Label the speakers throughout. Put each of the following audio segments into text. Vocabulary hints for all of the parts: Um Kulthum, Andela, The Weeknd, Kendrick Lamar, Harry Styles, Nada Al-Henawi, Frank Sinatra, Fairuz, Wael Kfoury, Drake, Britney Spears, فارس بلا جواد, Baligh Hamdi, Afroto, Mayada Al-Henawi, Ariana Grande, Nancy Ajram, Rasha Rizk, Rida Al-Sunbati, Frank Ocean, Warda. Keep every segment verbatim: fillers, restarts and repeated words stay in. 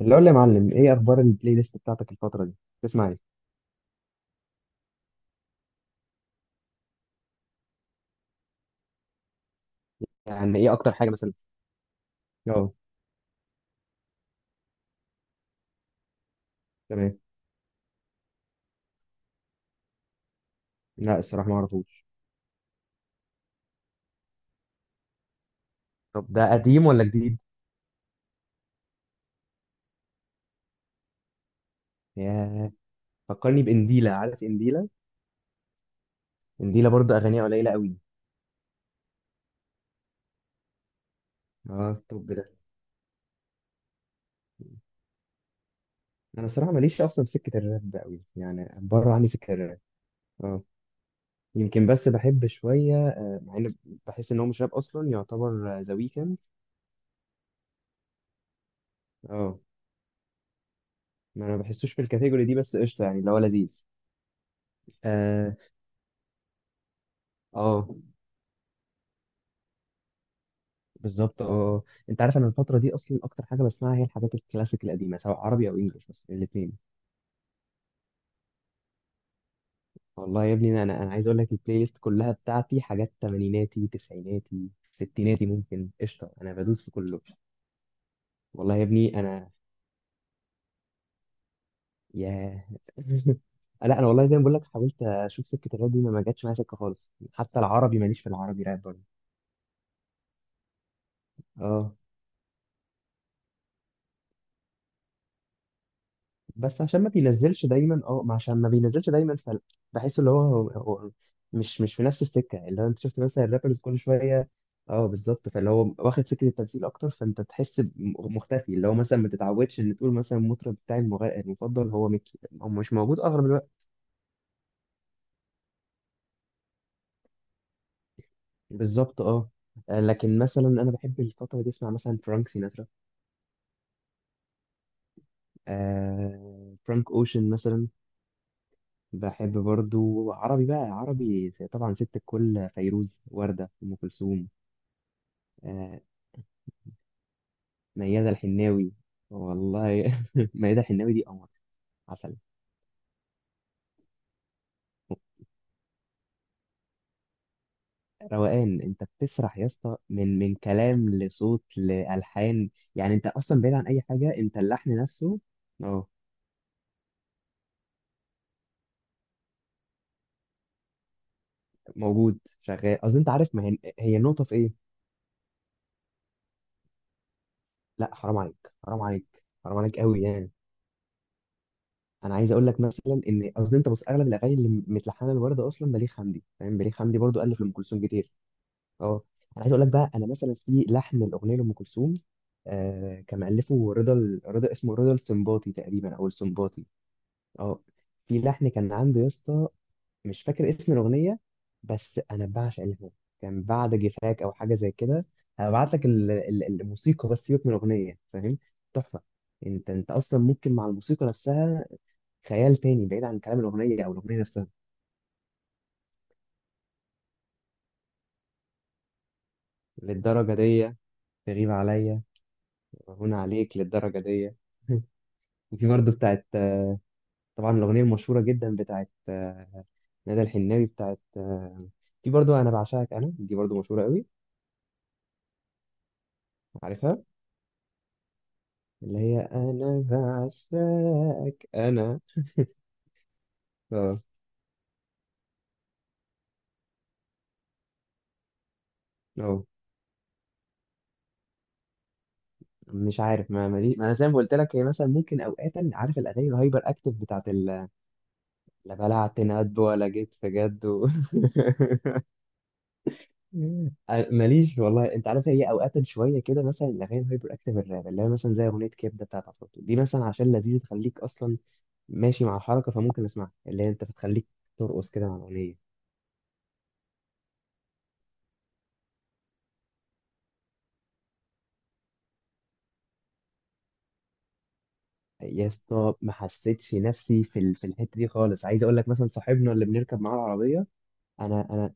Speaker 1: اللي اقول لي يا معلم، ايه اخبار البلاي ليست بتاعتك الفتره دي؟ بتسمع ايه؟ يعني ايه اكتر حاجه مثلا؟ اه. تمام. لا الصراحه ما اعرفوش. طب ده قديم ولا جديد؟ ياه. فكرني بانديلا، عارف انديلا؟ انديلا برضه اغانيها قليله قوي. اه طب ده. انا الصراحه ماليش اصلا في سكه الراب قوي، يعني بره عني سكه الراب. اه يمكن بس بحب شويه، آه، مع ان بحس ان هو مش راب اصلا، يعتبر ذا ويكند. اه ما انا ما بحسوش في الكاتيجوري دي، بس قشطه يعني اللي هو لذيذ. اه آه. بالظبط اه آه. انت عارف انا الفتره دي اصلا اكتر حاجه بسمعها هي الحاجات الكلاسيك القديمه، سواء عربي او انجلش، بس الاثنين. والله يا ابني انا انا أنا عايز اقول لك البلاي ليست كلها بتاعتي حاجات تمانيناتي، تسعيناتي، ستيناتي ممكن، قشطه انا بدوس في كله. والله يا ابني انا يا لا انا والله زي ما بقول لك حاولت اشوف سكه الراب دي، ما ما جاتش معايا سكه خالص، حتى العربي ماليش في العربي راب برضه. اه بس عشان ما بينزلش دايما، اه ما عشان ما بينزلش دايما فبحس اللي هو، هو هو مش مش في نفس السكه، اللي هو انت شفت مثلا الرابرز كل شويه. اه بالظبط، فاللي هو واخد سكه التمثيل اكتر، فانت تحس ب- مختفي، اللي هو مثلا ما تتعودش ان تقول مثلا المطرب بتاعي المغ- المفضل هو ميكي، هو مش موجود اغلب الوقت. بالظبط اه آه، لكن مثلا انا بحب الفتره دي اسمع مثلا فرانك سيناترا، آه فرانك اوشن مثلا. بحب برضو عربي، بقى عربي طبعا ست الكل فيروز، وردة، أم كلثوم، آه، ميادة الحناوي. والله ميادة الحناوي دي قمر، عسل. روقان، انت بتسرح يا اسطى من من كلام لصوت لألحان، يعني انت اصلا بعيد عن اي حاجة، انت اللحن نفسه. اه موجود شغال، قصدي انت عارف ما هي هي النقطة في ايه. لا حرام عليك حرام عليك حرام عليك قوي يعني. انا عايز اقول لك مثلا ان قصدي انت بص اغلب الاغاني اللي متلحنه لوردة اصلا بليغ حمدي، فاهم؟ بليغ حمدي برضو الف لام كلثوم كتير. اه انا عايز اقول لك بقى انا مثلا في لحن الاغنيه لام كلثوم، آه كان مؤلفه رضا ال- رضا، اسمه رضا السنباطي تقريبا، او السنباطي. اه في لحن كان عنده يا اسطى، مش فاكر اسم الاغنيه، بس انا بعشق اللحن ده. كان بعد جفاك او حاجه زي كده. هبعت لك ال- ال- الموسيقى بس، سيبك من الاغنيه، فاهم. تحفه. انت انت اصلا ممكن مع الموسيقى نفسها خيال تاني بعيد عن كلام الاغنيه او الاغنيه نفسها. للدرجه دي، تغيب عليا، وهنا عليك للدرجه دي. وفي برضه بتاعت آه، طبعا الأغنية المشهورة جدا بتاعت آه، ندى الحناوي بتاعت آه، في برضه أنا بعشقك أنا، دي برضه مشهورة قوي. عارفها؟ اللي هي أنا بعشقك أنا. اه اه مش عارف ما مالي، ما أنا زي ما قلت لك، هي مثلا ممكن أوقات عارف الأغاني الهايبر أكتف بتاعت ال- لا بلعت ندب ولا جيت في جد و... أ- ماليش والله، انت عارف هي اوقات شويه كده مثلا الاغاني الهايبر اكتيف الراب، اللي هي مثلا زي اغنيه كبده بتاعت عفروتو دي مثلا، عشان لذيذه تخليك اصلا ماشي مع الحركه، فممكن اسمعها، اللي هي انت بتخليك ترقص كده مع الاغنيه. يا اسطى ما حسيتش نفسي في ال- في الحته دي خالص، عايز اقول لك مثلا صاحبنا اللي بنركب معاه العربيه. انا انا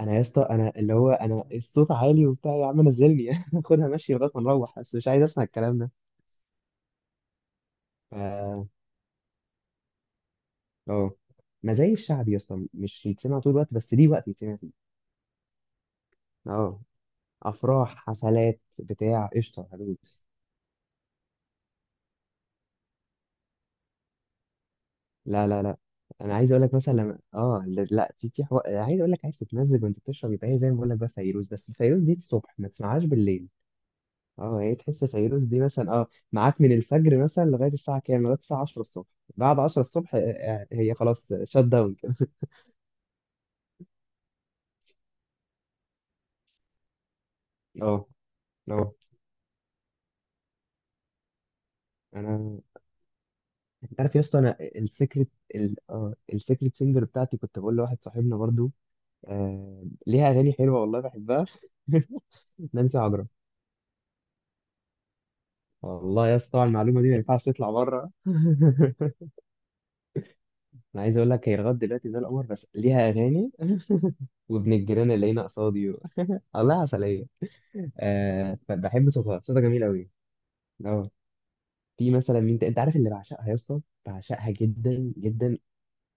Speaker 1: انا يا اسطى، انا اللي هو انا الصوت عالي وبتاع، يا عم نزلني خدها ماشي لغايه ما نروح، بس مش عايز اسمع الكلام ده. ف اه ما زي الشعب يا اسطى، مش يتسمع طول الوقت، بس ليه وقت يتسمع فيه. اه افراح حفلات بتاع، قشطه هدوس. لا لا لا. انا عايز اقول لك مثلا لما اه، لا لا، في في حو... عايز اقول لك عايز تتمزج وانت بتشرب، يبقى هي زي ما بقول لك بقى فيروز، بس الفيروز دي الصبح، ما تسمعهاش بالليل. اه هي تحس فيروز دي مثلا اه معاك من الفجر مثلا لغايه الساعه كام، لغايه الساعه عشرة الصبح، بعد عشرة الصبح آه، آه، هي خلاص شات داون كده. اه اه انا. انت عارف يا اسطى انا السيكريت ال... اه السيكريت سينجر بتاعتي، كنت بقول لواحد صاحبنا برضو، آه... ليها اغاني حلوه والله بحبها. نانسي عجرم. والله يا اسطى طبعا المعلومه دي ما ينفعش تطلع بره. انا عايز اقول لك هي لغايه دلوقتي زي القمر، بس ليها اغاني، وابن الجيران اللي هنا قصادي و... الله عسليه، آه بحب صوتها، صوتها جميل قوي. اه في مثلا مين ت- انت عارف اللي بعشقها يا اسطى، بعشقها جدا جدا.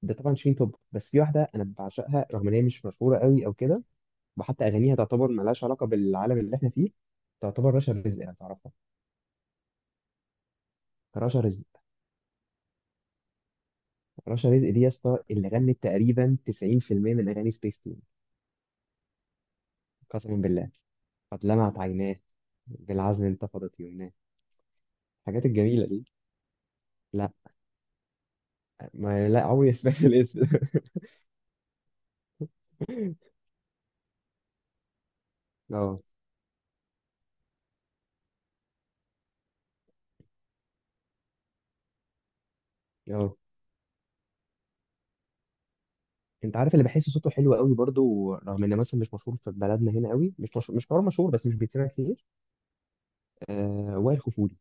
Speaker 1: ده طبعا شين توب، بس في واحده انا بعشقها رغم ان هي مش مشهوره قوي او كده، وحتى اغانيها تعتبر ملهاش علاقه بالعالم اللي احنا فيه. تعتبر رشا رزق، انا تعرفها؟ رشا رزق. رشا رزق دي يا اسطى اللي غنت تقريبا تسعين في المية من اغاني سبيس. قسما بالله. قد لمعت عيناه، بالعزم انتفضت يمناه، الحاجات الجميلة دي. لا ما لا عمري سمعت الاسم. اه اه. انت عارف اللي بحس صوته حلو قوي برضو، رغم انه مثلا مش مشهور في بلدنا هنا قوي، مش مشهور، مش حوار مشهور بس مش بيتسمع كتير. آه وائل كفوري.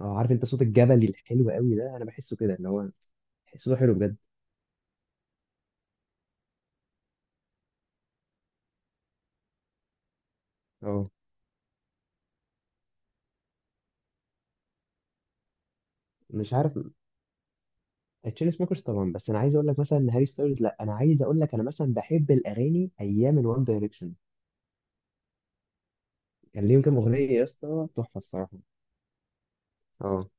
Speaker 1: اه، عارف انت صوت الجبلي الحلو قوي ده؟ انا بحسه كده، اللي هو صوته حلو بجد. اه مش عارف. تشين سموكرز طبعا، بس انا عايز اقول لك مثلا ان هاري ستايلز، لا انا عايز اقول لك انا مثلا بحب الاغاني ايام الوان دايركشن، كان ليهم كام اغنيه يا اسطى تحفه الصراحه. اه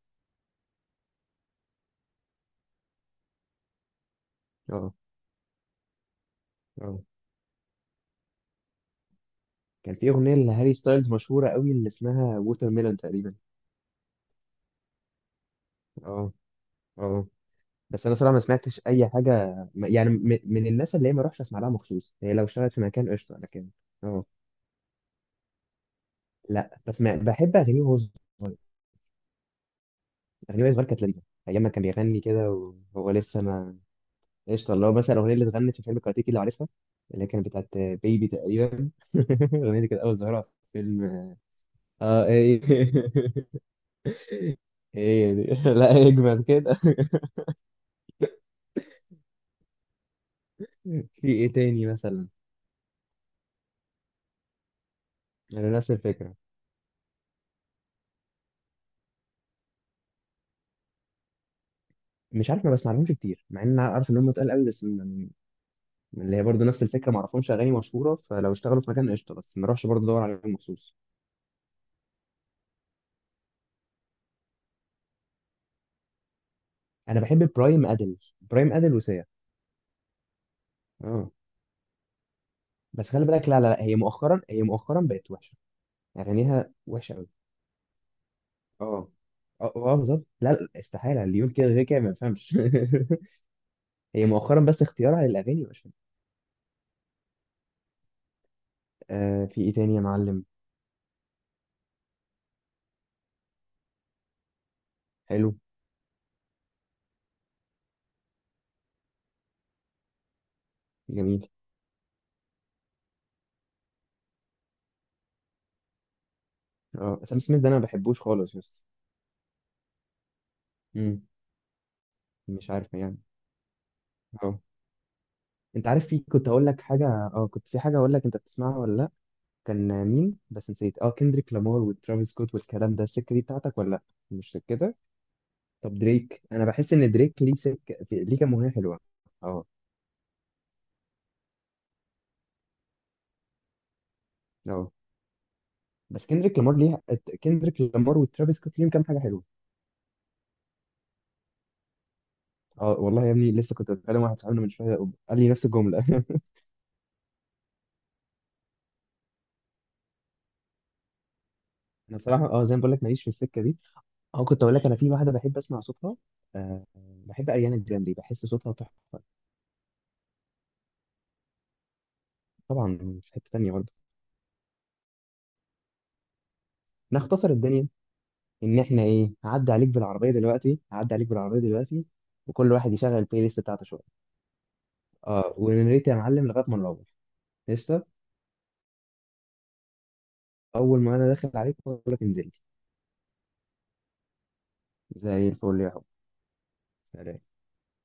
Speaker 1: اه اه كان في اغنيه لهاري ستايلز مشهوره قوي اللي اسمها ووتر ميلون تقريبا. اه اه بس انا صراحه ما سمعتش اي حاجه م- يعني م- من الناس اللي هي ما اروحش اسمع لها مخصوص، هي لو اشتغلت في مكان قشطه، لكن اه. لا بس ما بحب اغانيه وهو صغير، اغانيه وهو صغير كانت لذيذه، ايام ما كان بيغني كده وهو لسه ما. قشطه اللي هو مثلا الاغنيه اللي اتغنت في فيلم كاراتيكي، اللي عارفها؟ اللي كانت بتاعت بيبي تقريبا. الاغنيه دي كانت اول ظاهره في فيلم. اه ايه ايه دي لا اجمل كده. في ايه تاني مثلا؟ انا نفس الفكره، مش عارف ما بسمعلهمش كتير، مع ان انا عارف ان هم تقال قوي، بس من من اللي هي برضه نفس الفكره، ما اعرفهمش اغاني مشهوره فلو اشتغلوا في مكان قشطه، بس ما اروحش برضه ادور عليهم مخصوص. انا بحب برايم ادل، برايم ادل وسيا. اه بس خلي بالك، لا لا لا، هي مؤخرا، هي مؤخرا بقت وحشه، اغانيها وحشه قوي. اه اه آه، بالظبط، لا لا، استحاله اللي يقول كده غير كده ما يفهمش. هي مؤخرا بس اختيارها للاغاني مش حلو. آه في ايه تاني يا معلم؟ حلو. جميل. اه سام سميث ده انا ما بحبوش خالص بس. امم. مش عارف يعني. اه. انت عارف في كنت اقول لك حاجه، اه كنت في حاجه اقول لك انت بتسمعها ولا لا، كان مين بس نسيت، اه كندريك لامار وترافيس سكوت والكلام ده، السكه دي بتاعتك ولا لا؟ مش كده؟ طب دريك؟ انا بحس ان دريك ليه سكه، ليه كام اغنيه حلوه. اه اه. بس كندريك لامار ليه، كندريك لامار وترافيس سكوت ليهم كام حاجه حلوه. اه والله يا ابني لسه كنت بتكلم واحد صاحبنا من شويه، قال لي نفس الجمله. انا بصراحه اه زي ما بقول لك ماليش في السكه دي. اه كنت اقول لك انا في واحده بحب اسمع صوتها، أه بحب اريانا جراندي، بحس صوتها تحفه. طبعا في حته تانيه برضه. نختصر الدنيا، ان احنا ايه، هعدي عليك بالعربيه دلوقتي، هعدي عليك بالعربيه دلوقتي، وكل واحد يشغل البلاي ليست بتاعته شويه. اه ونريت يا معلم لغايه ما نروح. قشطه. اول ما انا داخل عليك بقول لك انزل لي. زي الفل يا حب. سلام.